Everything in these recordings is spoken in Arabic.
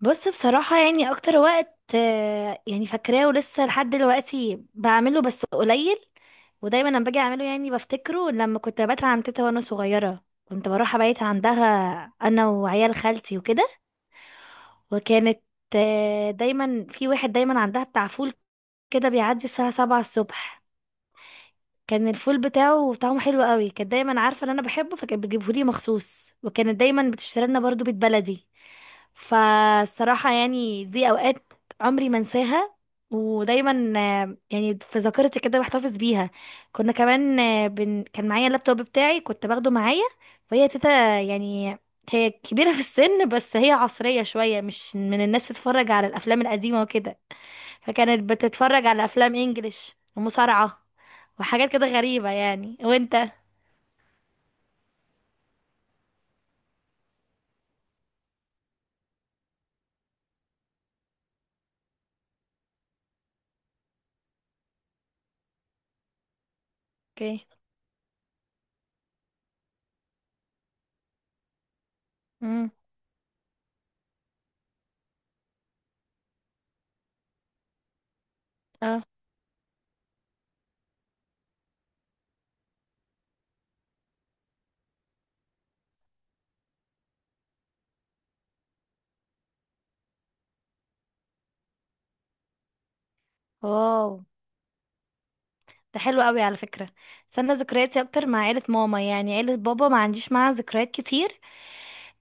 بص، بصراحة يعني أكتر وقت، يعني فاكراه ولسه لحد دلوقتي بعمله بس قليل. ودايما لما باجي أعمله يعني بفتكره لما كنت ببات عند تيتا وأنا صغيرة، كنت بروح أبيت عندها أنا وعيال خالتي وكده. وكانت دايما في واحد دايما عندها بتاع فول كده بيعدي الساعة سبعة الصبح. كان الفول بتاعه طعمه حلو قوي، كانت دايما عارفة إن أنا بحبه فكانت بتجيبهولي مخصوص، وكانت دايما بتشتري لنا برضه بيت بلدي. فالصراحة يعني دي أوقات عمري ما انساها، ودايما يعني في ذاكرتي كده بحتفظ بيها. كنا كمان، كان معايا اللابتوب بتاعي، كنت باخده معايا. وهي تيتا يعني، هي كبيرة في السن بس هي عصرية شوية، مش من الناس تتفرج على الأفلام القديمة وكده، فكانت بتتفرج على أفلام إنجليش ومصارعة وحاجات كده غريبة يعني. وانت؟ اوكي. امم. اه. واو، ده حلو قوي على فكرة. بس انا ذكرياتي اكتر مع عيلة ماما، يعني عيلة بابا ما عنديش معاها ذكريات كتير.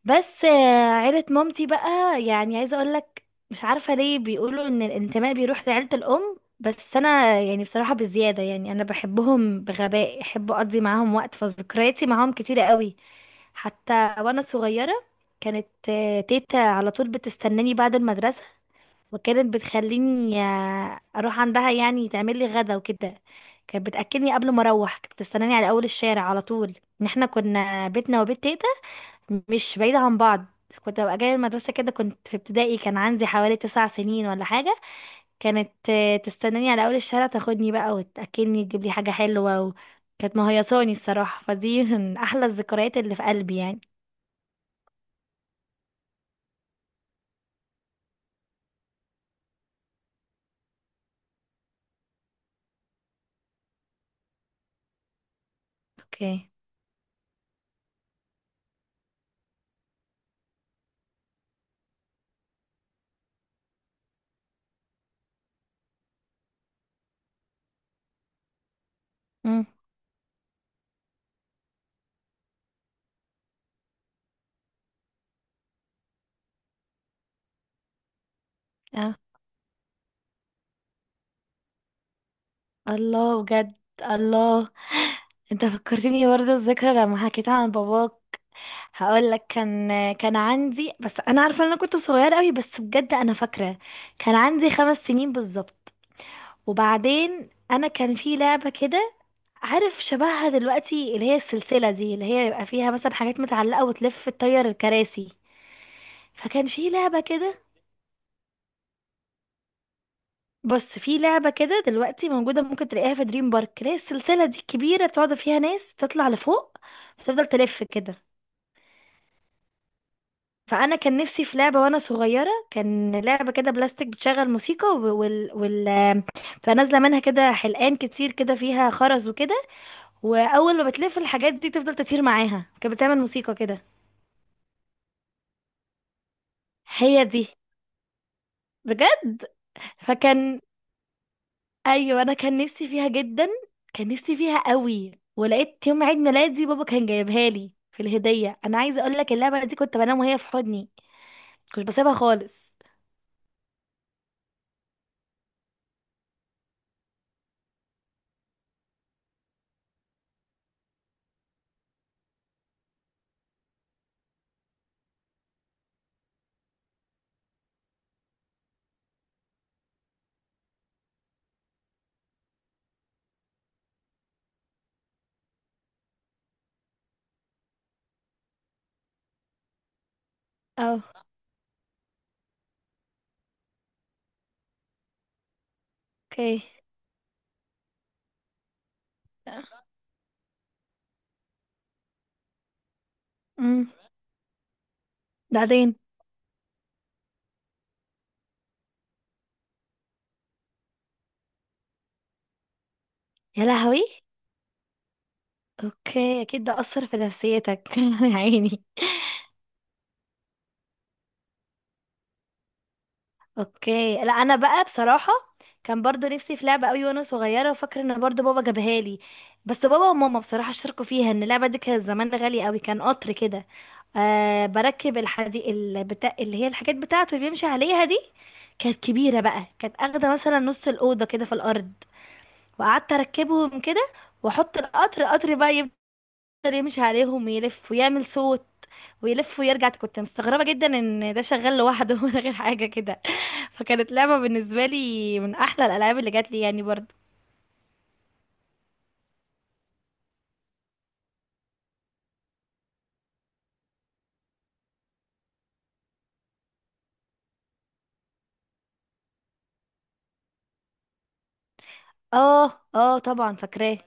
بس عيلة مامتي بقى يعني عايزة اقولك، مش عارفة ليه بيقولوا ان الانتماء بيروح لعيلة الام، بس انا يعني بصراحة بزيادة، يعني انا بحبهم بغباء، احب اقضي معاهم وقت، فذكرياتي معاهم كتيرة قوي. حتى وانا صغيرة، كانت تيتا على طول بتستناني بعد المدرسة، وكانت بتخليني اروح عندها يعني تعمل لي غدا وكده. كانت بتاكلني قبل ما اروح، كانت بتستناني على اول الشارع على طول. ان احنا كنا بيتنا وبيت تيتا مش بعيده عن بعض. كنت ببقى جايه المدرسه كده، كنت في ابتدائي، كان عندي حوالي تسع سنين ولا حاجه، كانت تستناني على اول الشارع، تاخدني بقى وتاكلني، تجيب لي حاجه حلوه كانت مهيصاني الصراحه. فدي من احلى الذكريات اللي في قلبي يعني. اوكي. امم. اه. الله، بجد. الله. انت فكرتني برضه الذكرى لما حكيت عن باباك. هقول لك، كان عندي، بس انا عارفه ان انا كنت صغيره قوي، بس بجد انا فاكره. كان عندي خمس سنين بالظبط. وبعدين انا كان في لعبه كده، عارف شبهها دلوقتي، اللي هي السلسله دي اللي هي يبقى فيها مثلا حاجات متعلقه وتلف تطير الكراسي، فكان في لعبه كده. بص، في لعبه كده دلوقتي موجوده، ممكن تلاقيها في دريم بارك، اللي هي السلسله دي الكبيره بتقعد فيها ناس تطلع لفوق وتفضل تلف كده. فانا كان نفسي في لعبه وانا صغيره، كان لعبه كده بلاستيك بتشغل موسيقى، و- وال وال فنازله منها كده حلقان كتير كده فيها خرز وكده، واول ما بتلف الحاجات دي تفضل تطير معاها، كانت بتعمل موسيقى كده. هي دي، بجد. فكان، ايوه انا كان نفسي فيها جدا، كان نفسي فيها قوي. ولقيت يوم عيد ميلادي بابا كان جايبها لي في الهديه. انا عايزه اقول لك، اللعبه دي كنت بنام وهي في حضني، كنت بسيبها خالص. اه. اوكي. امم. بعدين؟ يا لهوي. اوكي، اكيد ده اثر في نفسيتك يا عيني. اوكي. لا، انا بقى بصراحه كان برضو نفسي في لعبه قوي وانا صغيره، وفاكره ان برضو بابا جابها لي. بس بابا وماما بصراحه شاركوا فيها، ان اللعبه دي كانت زمان غاليه قوي. كان قطر كده، آه، بركب الحديد البتاع، اللي هي الحاجات بتاعته اللي بيمشي عليها دي، كانت كبيره بقى، كانت اخده مثلا نص الاوضه كده في الارض، وقعدت اركبهم كده، واحط القطر بقى يفضل يمشي عليهم ويلف ويعمل صوت ويلف ويرجع. كنت مستغربة جدا ان ده شغال لوحده من غير حاجة كده. فكانت لعبة بالنسبة لي من احلى الالعاب اللي جات لي يعني برضو. اه، اه، طبعا فاكراه.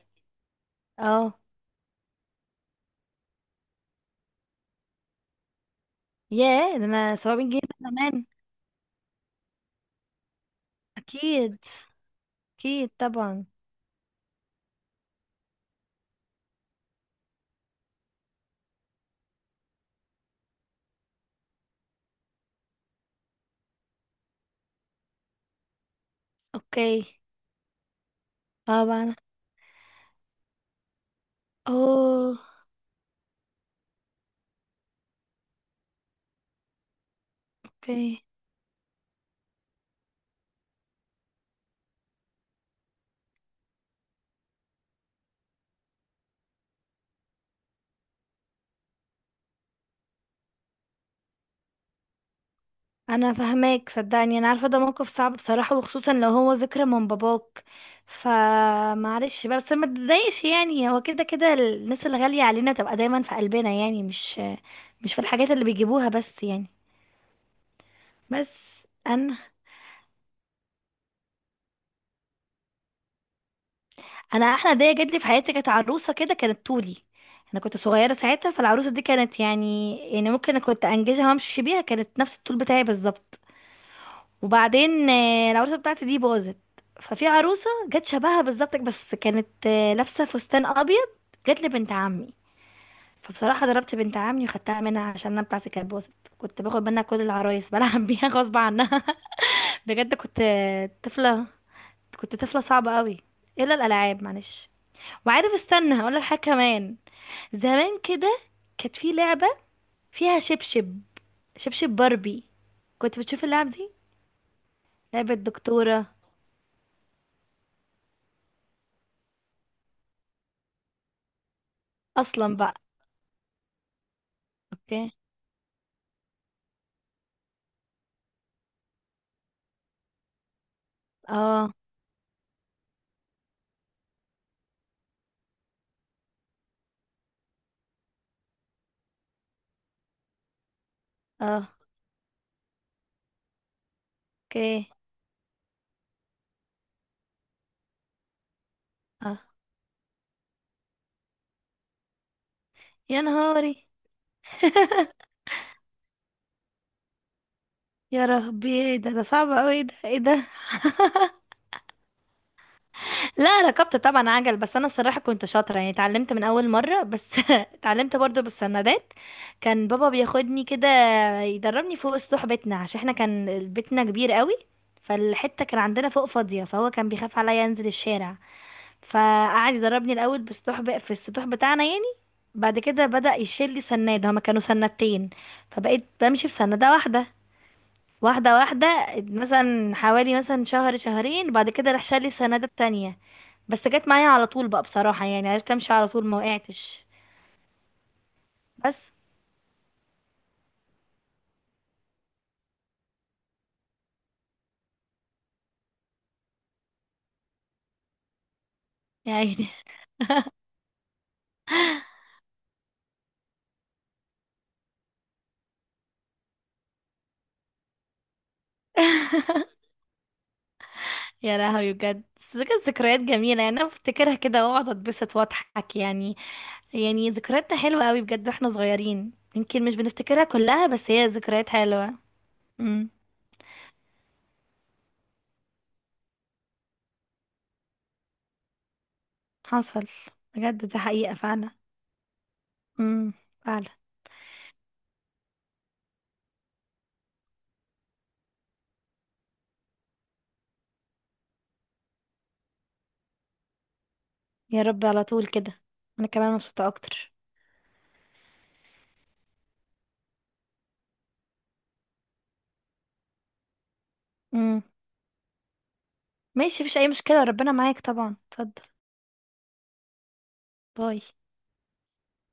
اه. ياه، ده انا 700 جنيه ده زمان. اكيد. اكيد طبعا. اوكي. طبعا. اوه. اوكي، انا فهماك، صدقني انا عارفه ده موقف صعب بصراحه، وخصوصا لو هو ذكرى من باباك. فمعلش بقى، بس ما تضايقش يعني، هو كده كده الناس الغاليه علينا تبقى دايما في قلبنا يعني، مش في الحاجات اللي بيجيبوها بس يعني. بس انا انا احلى هديه جات لي في حياتي كانت عروسه كده، كانت طولي، انا كنت صغيره ساعتها، فالعروسه دي كانت يعني، يعني ممكن أنا كنت انجزها وامشي بيها، كانت نفس الطول بتاعي بالظبط. وبعدين العروسه بتاعتي دي باظت، ففي عروسه جت شبهها بالظبط بس كانت لابسه فستان ابيض، جت لبنت عمي. فبصراحه ضربت بنت عمي وخدتها منها، عشان انا بتاعتي كانت باظت، كنت باخد منها كل العرايس بلعب بيها غصب عنها. بجد كنت طفله، كنت طفله صعبه قوي، الا الالعاب معلش. وعارف، استنى هقول لك حاجه كمان، زمان كده كانت في لعبه فيها شبشب باربي، كنت بتشوف اللعب دي، لعبه دكتوره اصلا بقى. اوكي. اه. اه. اوكي. اه. يا نهاري. يا ربي، ايه ده؟ ده صعب قوي. ايه ده، ايه ده؟ لا، ركبت طبعا عجل، بس انا الصراحه كنت شاطره يعني، اتعلمت من اول مره، بس اتعلمت برضو بالسندات. كان بابا بياخدني كده يدربني فوق سطوح بيتنا، عشان احنا كان بيتنا كبير قوي، فالحته كان عندنا فوق فاضيه، فهو كان بيخاف عليا انزل الشارع، فقعد يدربني الاول بالسطوح في السطوح بتاعنا يعني. بعد كده بدأ يشيل لي سناد، هما كانوا سنادتين، فبقيت بمشي في سنادة واحدة، واحدة واحدة، مثلا حوالي مثلا شهر شهرين، بعد كده راح شال لي السنادة التانية، بس جت معايا على طول بقى بصراحة، يعني عرفت امشي على طول ما وقعتش. بس يعني يا لهوي، بجد، بس كانت ذكريات جميلة يعني، انا بفتكرها كده واقعد اتبسط واضحك يعني. يعني ذكرياتنا حلوة قوي بجد واحنا صغيرين، يمكن مش بنفتكرها كلها، بس هي ذكريات حلوة. امم. حصل. بجد دي حقيقة فعلا. امم. فعلا. يا رب على طول كده. انا كمان مبسوطة اكتر. امم. ماشي، مفيش اي مشكلة، ربنا معاك طبعا، اتفضل. باي.